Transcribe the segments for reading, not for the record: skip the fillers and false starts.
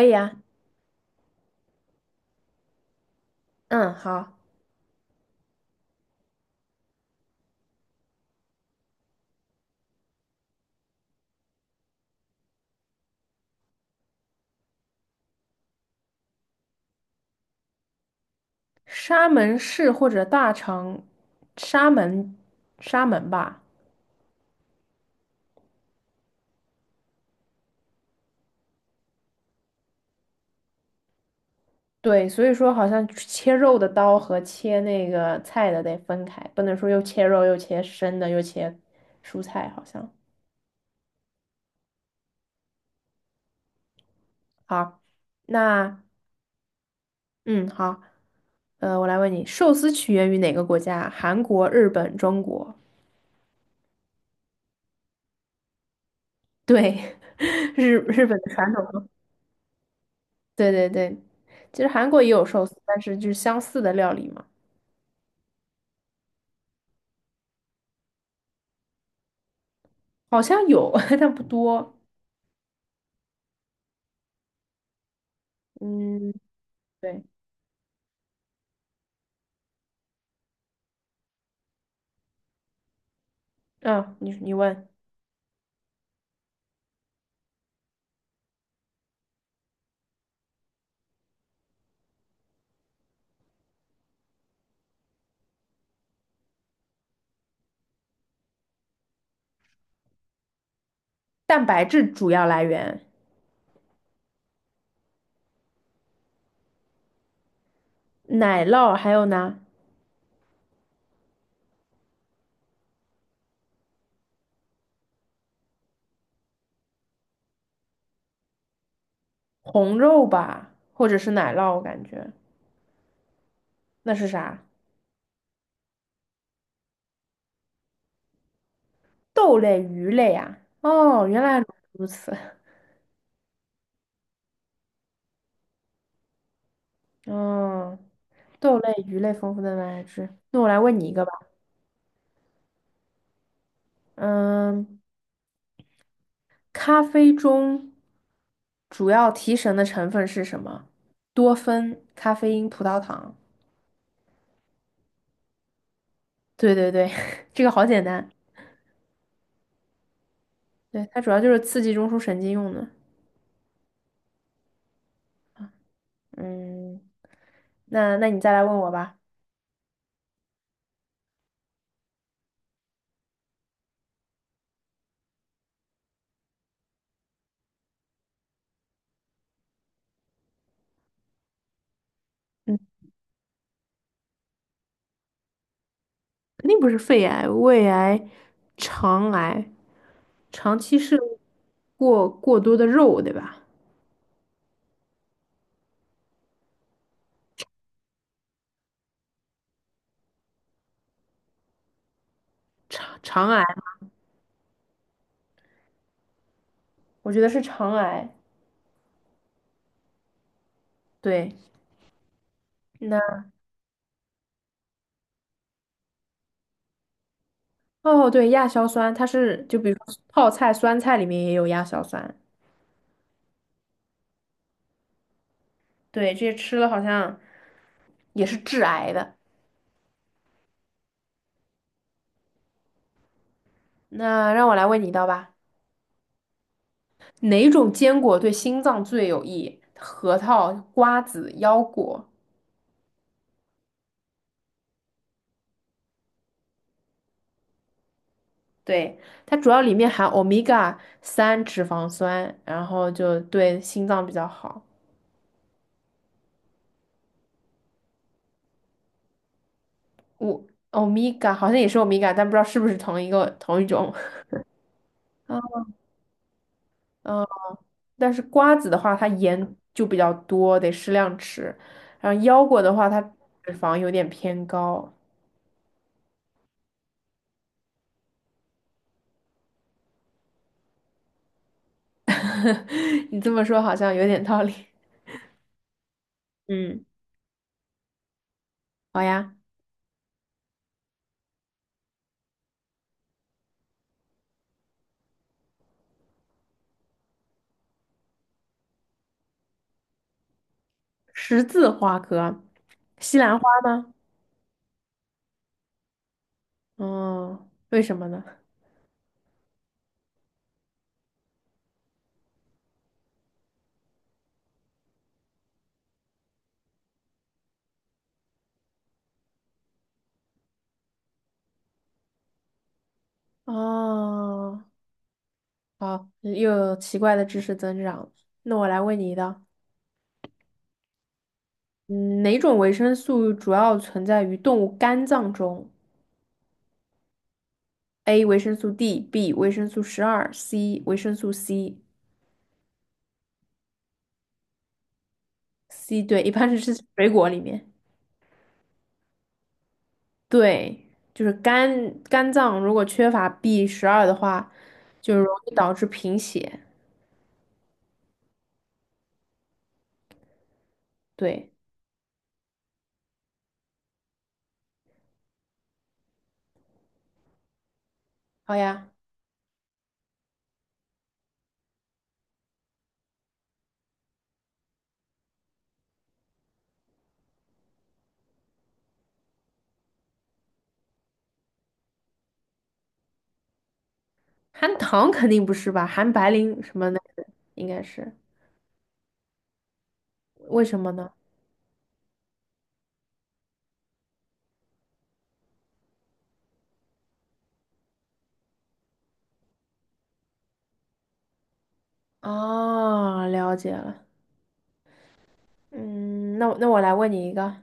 可以啊。嗯，好。沙门市或者大城，沙门，沙门吧。对，所以说好像切肉的刀和切那个菜的得分开，不能说又切肉又切生的又切蔬菜，好像。好，那嗯好，我来问你，寿司起源于哪个国家？韩国、日本、中国？对，日本的传统。对对对，其实韩国也有寿司，但是就是相似的料理嘛。好像有，但不多。嗯，对。嗯，你问，蛋白质主要来源，奶酪还有呢，红肉吧，或者是奶酪，我感觉那是啥？豆类、鱼类啊。哦，原来如此。嗯，豆类、鱼类丰富的蛋白质。那我来问你一个吧。嗯，咖啡中主要提神的成分是什么？多酚、咖啡因、葡萄糖。对对对，这个好简单。对，它主要就是刺激中枢神经用的。嗯，那你再来问我吧。嗯，肯定不是肺癌、胃癌、肠癌，长期摄入过多的肉，对吧？肠癌，我觉得是肠癌。对，那哦，对，亚硝酸，它是就比如说泡菜、酸菜里面也有亚硝酸。对，这些吃了好像也是致癌的。那让我来问你一道吧。哪种坚果对心脏最有益？核桃、瓜子、腰果。对，它主要里面含欧米伽三脂肪酸，然后就对心脏比较好。我欧米伽好像也是欧米伽，但不知道是不是同一种。嗯嗯，但是瓜子的话，它盐就比较多，得适量吃。然后腰果的话，它脂肪有点偏高。你这么说好像有点道理。嗯，好呀。十字花科，西兰花吗？哦，为什么呢？哦，好，又有奇怪的知识增长。那我来问你一道，嗯，哪种维生素主要存在于动物肝脏中？A. 维生素 D，B. 维生素12，C. 维生素 C。C 对，一般是吃水果里面。对，就是肝脏如果缺乏 B12的话，就容易导致贫血。对，好呀。含糖肯定不是吧？含白磷什么那个应该是，为什么呢？哦，了解了。嗯，那我来问你一个，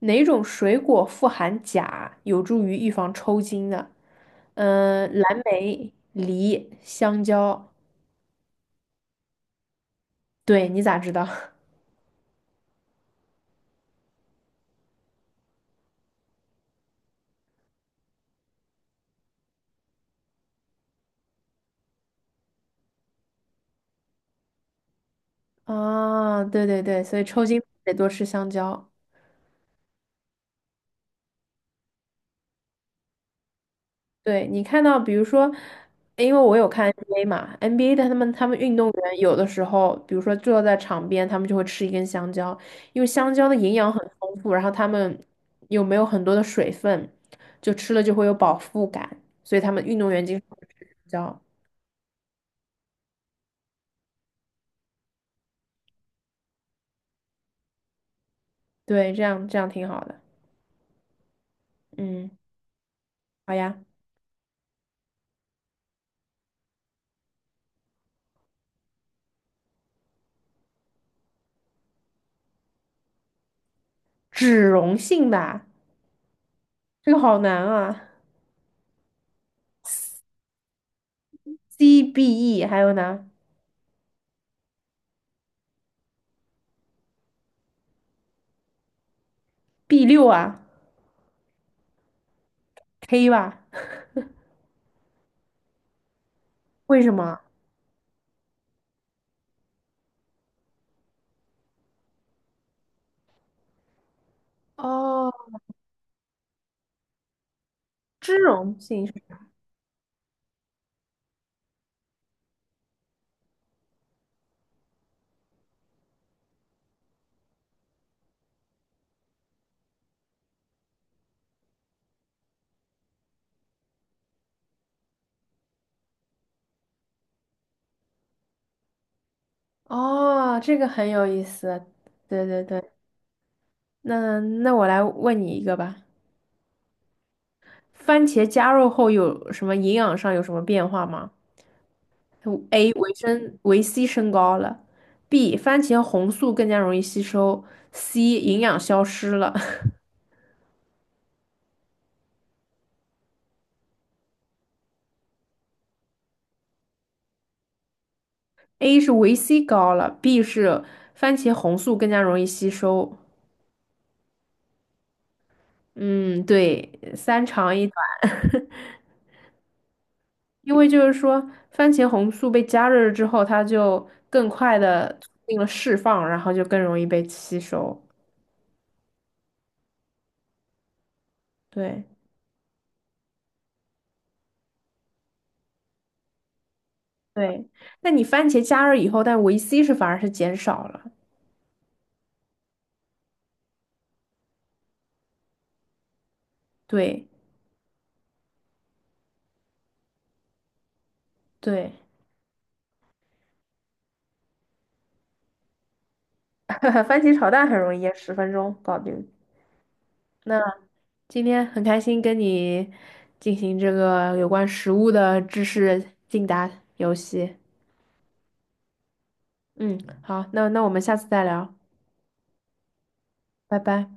哪种水果富含钾，有助于预防抽筋的？嗯、蓝莓、梨、香蕉。对，你咋知道？啊、对对对，所以抽筋得多吃香蕉。对，你看到，比如说，因为我有看 NBA 嘛，NBA 的他们运动员有的时候，比如说坐在场边，他们就会吃一根香蕉，因为香蕉的营养很丰富，然后他们又没有很多的水分，就吃了就会有饱腹感，所以他们运动员经常会吃香蕉。对，这样挺好的。嗯，好呀，脂溶性吧，这个好难啊，CBE 还有呢，B6啊，K 吧，为什么？哦，脂溶性。哦，这个很有意思。对对对，那我来问你一个吧。番茄加热后有什么营养上有什么变化吗？A. 维 C 升高了，B. 番茄红素更加容易吸收，C. 营养消失了。A 是维 C 高了，B 是番茄红素更加容易吸收。嗯，对，三长一。因为就是说，番茄红素被加热了之后，它就更快的促进了释放，然后就更容易被吸收。对对，那你番茄加热以后，但维 C 是反而是减少了。对对，番茄炒蛋很容易耶，10分钟搞定。那今天很开心跟你进行这个有关食物的知识竞答游戏。嗯，好，那我们下次再聊，拜拜。